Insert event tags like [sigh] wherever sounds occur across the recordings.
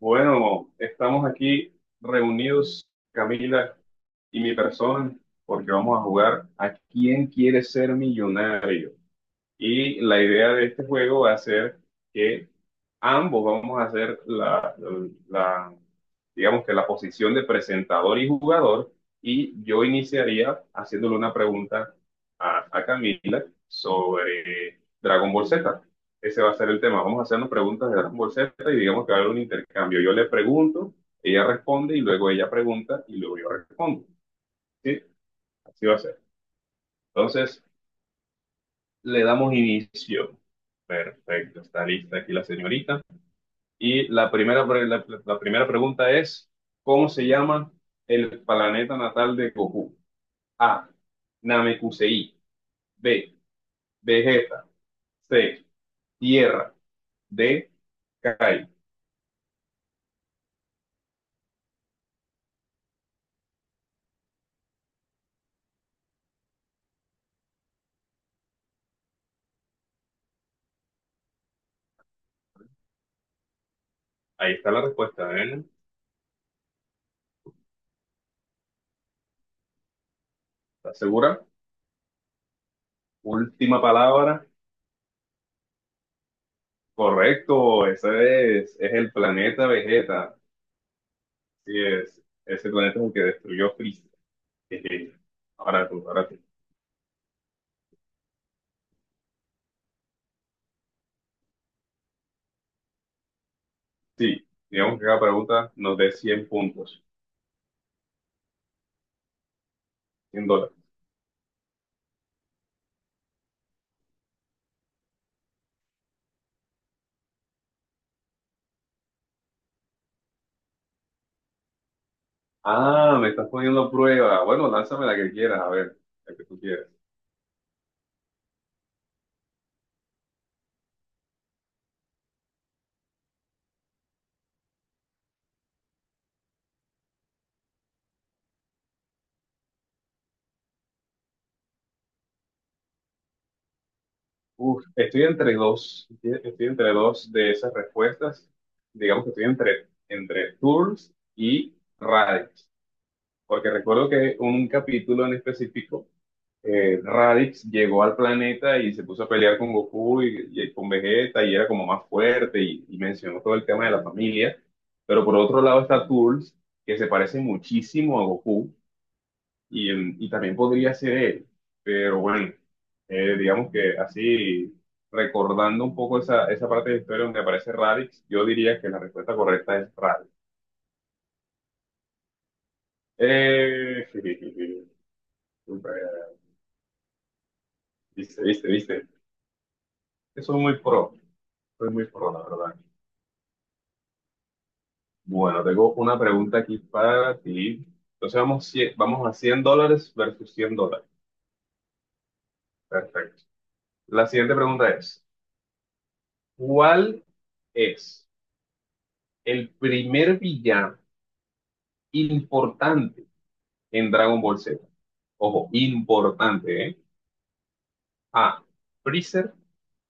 Bueno, estamos aquí reunidos, Camila y mi persona, porque vamos a jugar a quién quiere ser millonario. Y la idea de este juego va a ser que ambos vamos a hacer la- digamos que la posición de presentador y jugador. Y yo iniciaría haciéndole una pregunta a Camila sobre Dragon Ball Z. Ese va a ser el tema. Vamos a hacernos preguntas de Dragon Ball Z y digamos que va a haber un intercambio. Yo le pregunto, ella responde y luego ella pregunta y luego yo respondo. ¿Sí? Así va a ser. Entonces, le damos inicio. Perfecto, está lista aquí la señorita. Y la primera pregunta es, ¿cómo se llama el planeta natal de Goku? A. Namekusei. B. Vegeta. C. Tierra. D. Kai. Ahí está la respuesta, ¿eh? ¿Estás segura? Última palabra. Correcto, ese es el planeta Vegeta. Sí es, ese planeta es el que destruyó Freezer. [laughs] Ahora tú, ahora tú. Sí, digamos que cada pregunta nos dé 100 puntos, 100 dólares. Ah, me estás poniendo a prueba. Bueno, lánzame la que quieras, a ver, la que tú quieras. Uf, estoy entre dos de esas respuestas. Digamos que estoy entre tours y raids, porque recuerdo que un capítulo en específico Raditz llegó al planeta y se puso a pelear con Goku y con Vegeta y era como más fuerte y mencionó todo el tema de la familia. Pero por otro lado está Turles, que se parece muchísimo a Goku y, y también podría ser él. Pero bueno, digamos que así recordando un poco esa parte de la historia donde aparece Raditz, yo diría que la respuesta correcta es Raditz. Eh, [laughs] super, viste, viste, viste. Eso es muy pro, soy muy pro, la verdad. Bueno, tengo una pregunta aquí para ti. Entonces vamos, vamos a 100 dólares versus 100 dólares. Perfecto. La siguiente pregunta es, ¿cuál es el primer villano importante en Dragon Ball Z? Ojo, importante, ¿eh? A, Freezer,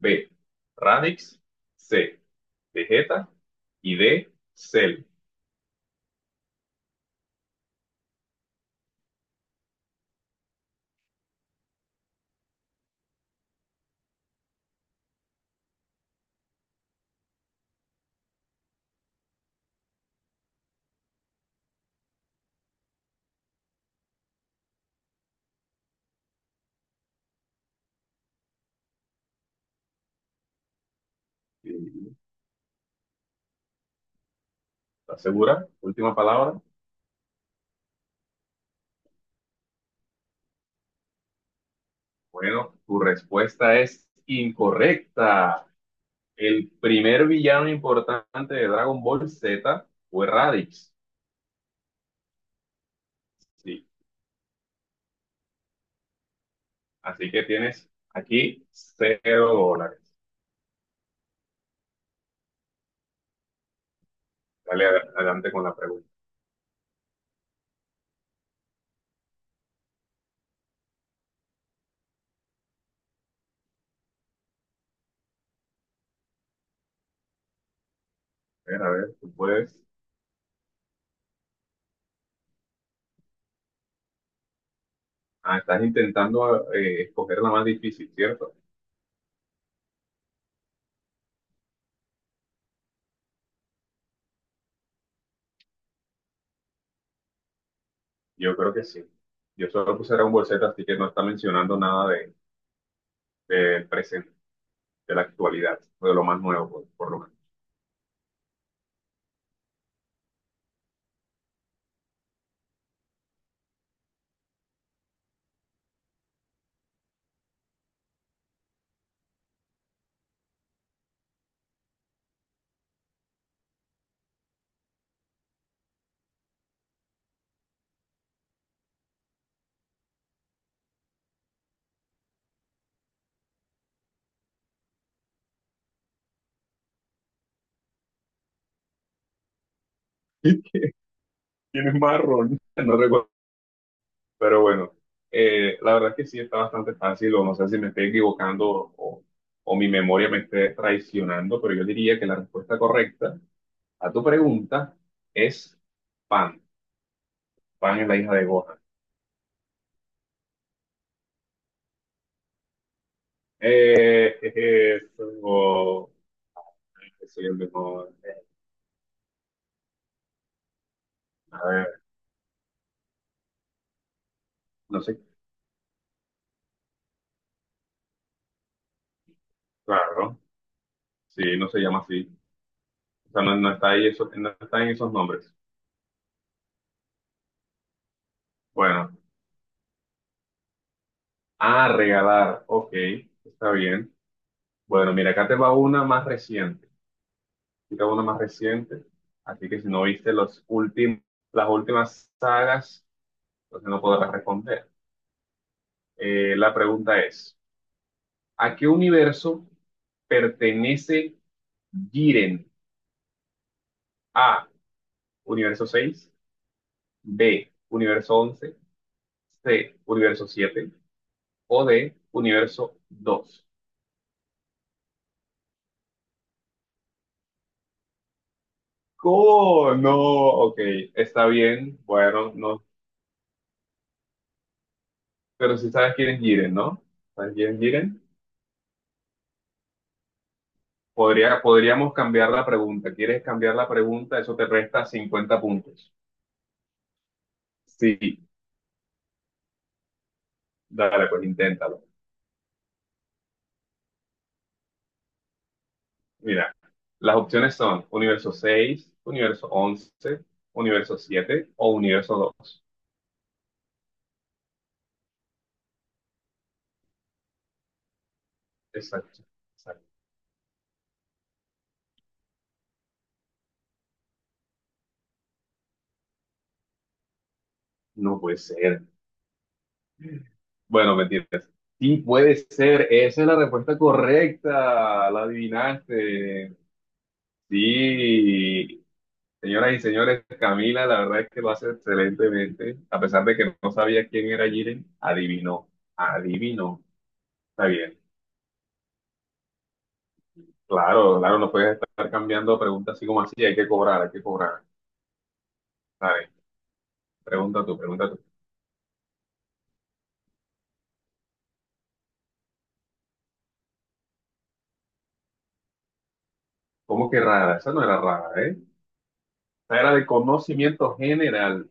B, Radix, C, Vegeta y D, Cell. ¿Estás segura? Última palabra. Bueno, tu respuesta es incorrecta. El primer villano importante de Dragon Ball Z fue Raditz. Sí. Así que tienes aquí cero dólares. Dale adelante con la pregunta. A ver, tú puedes. Ah, estás intentando escoger la más difícil, ¿cierto? Yo creo que sí. Yo solo puse Dragon Ball Z, así que no está mencionando nada del presente, de la actualidad, o de lo más nuevo, por lo menos. [laughs] Tienes marrón. No recuerdo. Pero bueno, la verdad es que sí está bastante fácil, o no sé si me estoy equivocando o, o mi memoria me esté traicionando, pero yo diría que la respuesta correcta a tu pregunta es Pan. Pan es la hija de Gohan. Eh, eso, Soy el mejor. A ver, no sé, claro, sí, no se llama así. O sea, no, no está ahí eso, no está en esos nombres. Bueno, ah, regalar, ok, está bien. Bueno, mira, acá te va una más reciente. Explica uno más reciente. Así que si no viste los últimos, las últimas sagas, entonces no podrás responder. La pregunta es, ¿a qué universo pertenece Jiren? A, universo 6, B, universo 11, C, universo 7 o D, universo 2. ¡Oh, no! Ok, está bien, bueno, no. Pero si sabes quién es Jiren, ¿no? ¿Sabes quién es Jiren? Podría, podríamos cambiar la pregunta. ¿Quieres cambiar la pregunta? Eso te resta 50 puntos. Sí, dale, pues inténtalo. Mira, las opciones son universo seis, universo once, universo 7 o universo dos. Exacto. Exacto. No puede ser. Bueno, mentiras. Sí, puede ser. Esa es la respuesta correcta. La adivinaste. Sí, señoras y señores, Camila, la verdad es que lo hace excelentemente. A pesar de que no sabía quién era Jiren, adivinó, adivinó. Está bien. Claro, claro, no puedes estar cambiando preguntas así como así, hay que cobrar, hay que cobrar. Dale, pregunta tú, pregunta tú. ¿Cómo que rara? Esa no era rara, ¿eh? Esa era de conocimiento general.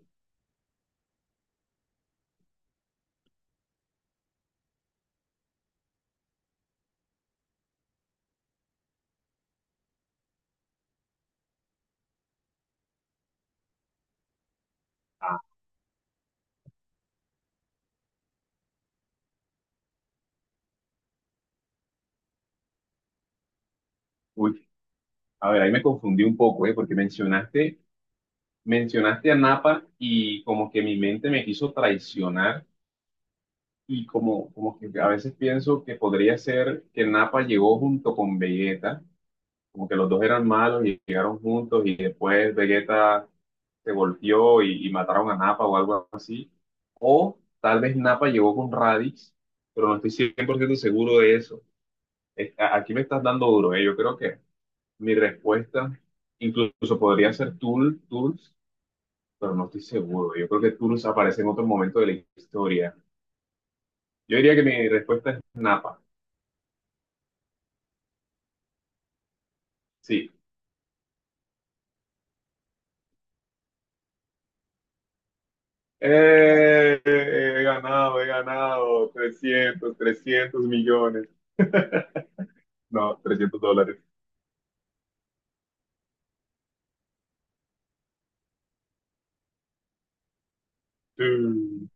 Ah, uy, a ver, ahí me confundí un poco, ¿eh? Porque mencionaste a Napa y como que mi mente me quiso traicionar. Y como que a veces pienso que podría ser que Nappa llegó junto con Vegeta, como que los dos eran malos y llegaron juntos y después Vegeta se golpeó y mataron a Nappa o algo así. O tal vez Nappa llegó con Raditz, pero no estoy 100% seguro de eso. Aquí me estás dando duro, ¿eh? Yo creo que mi respuesta incluso podría ser Tools, pero no estoy seguro. Yo creo que Tools aparece en otro momento de la historia. Yo diría que mi respuesta es Nappa. Sí, he ganado trescientos millones. No, 300 dólares. Mm.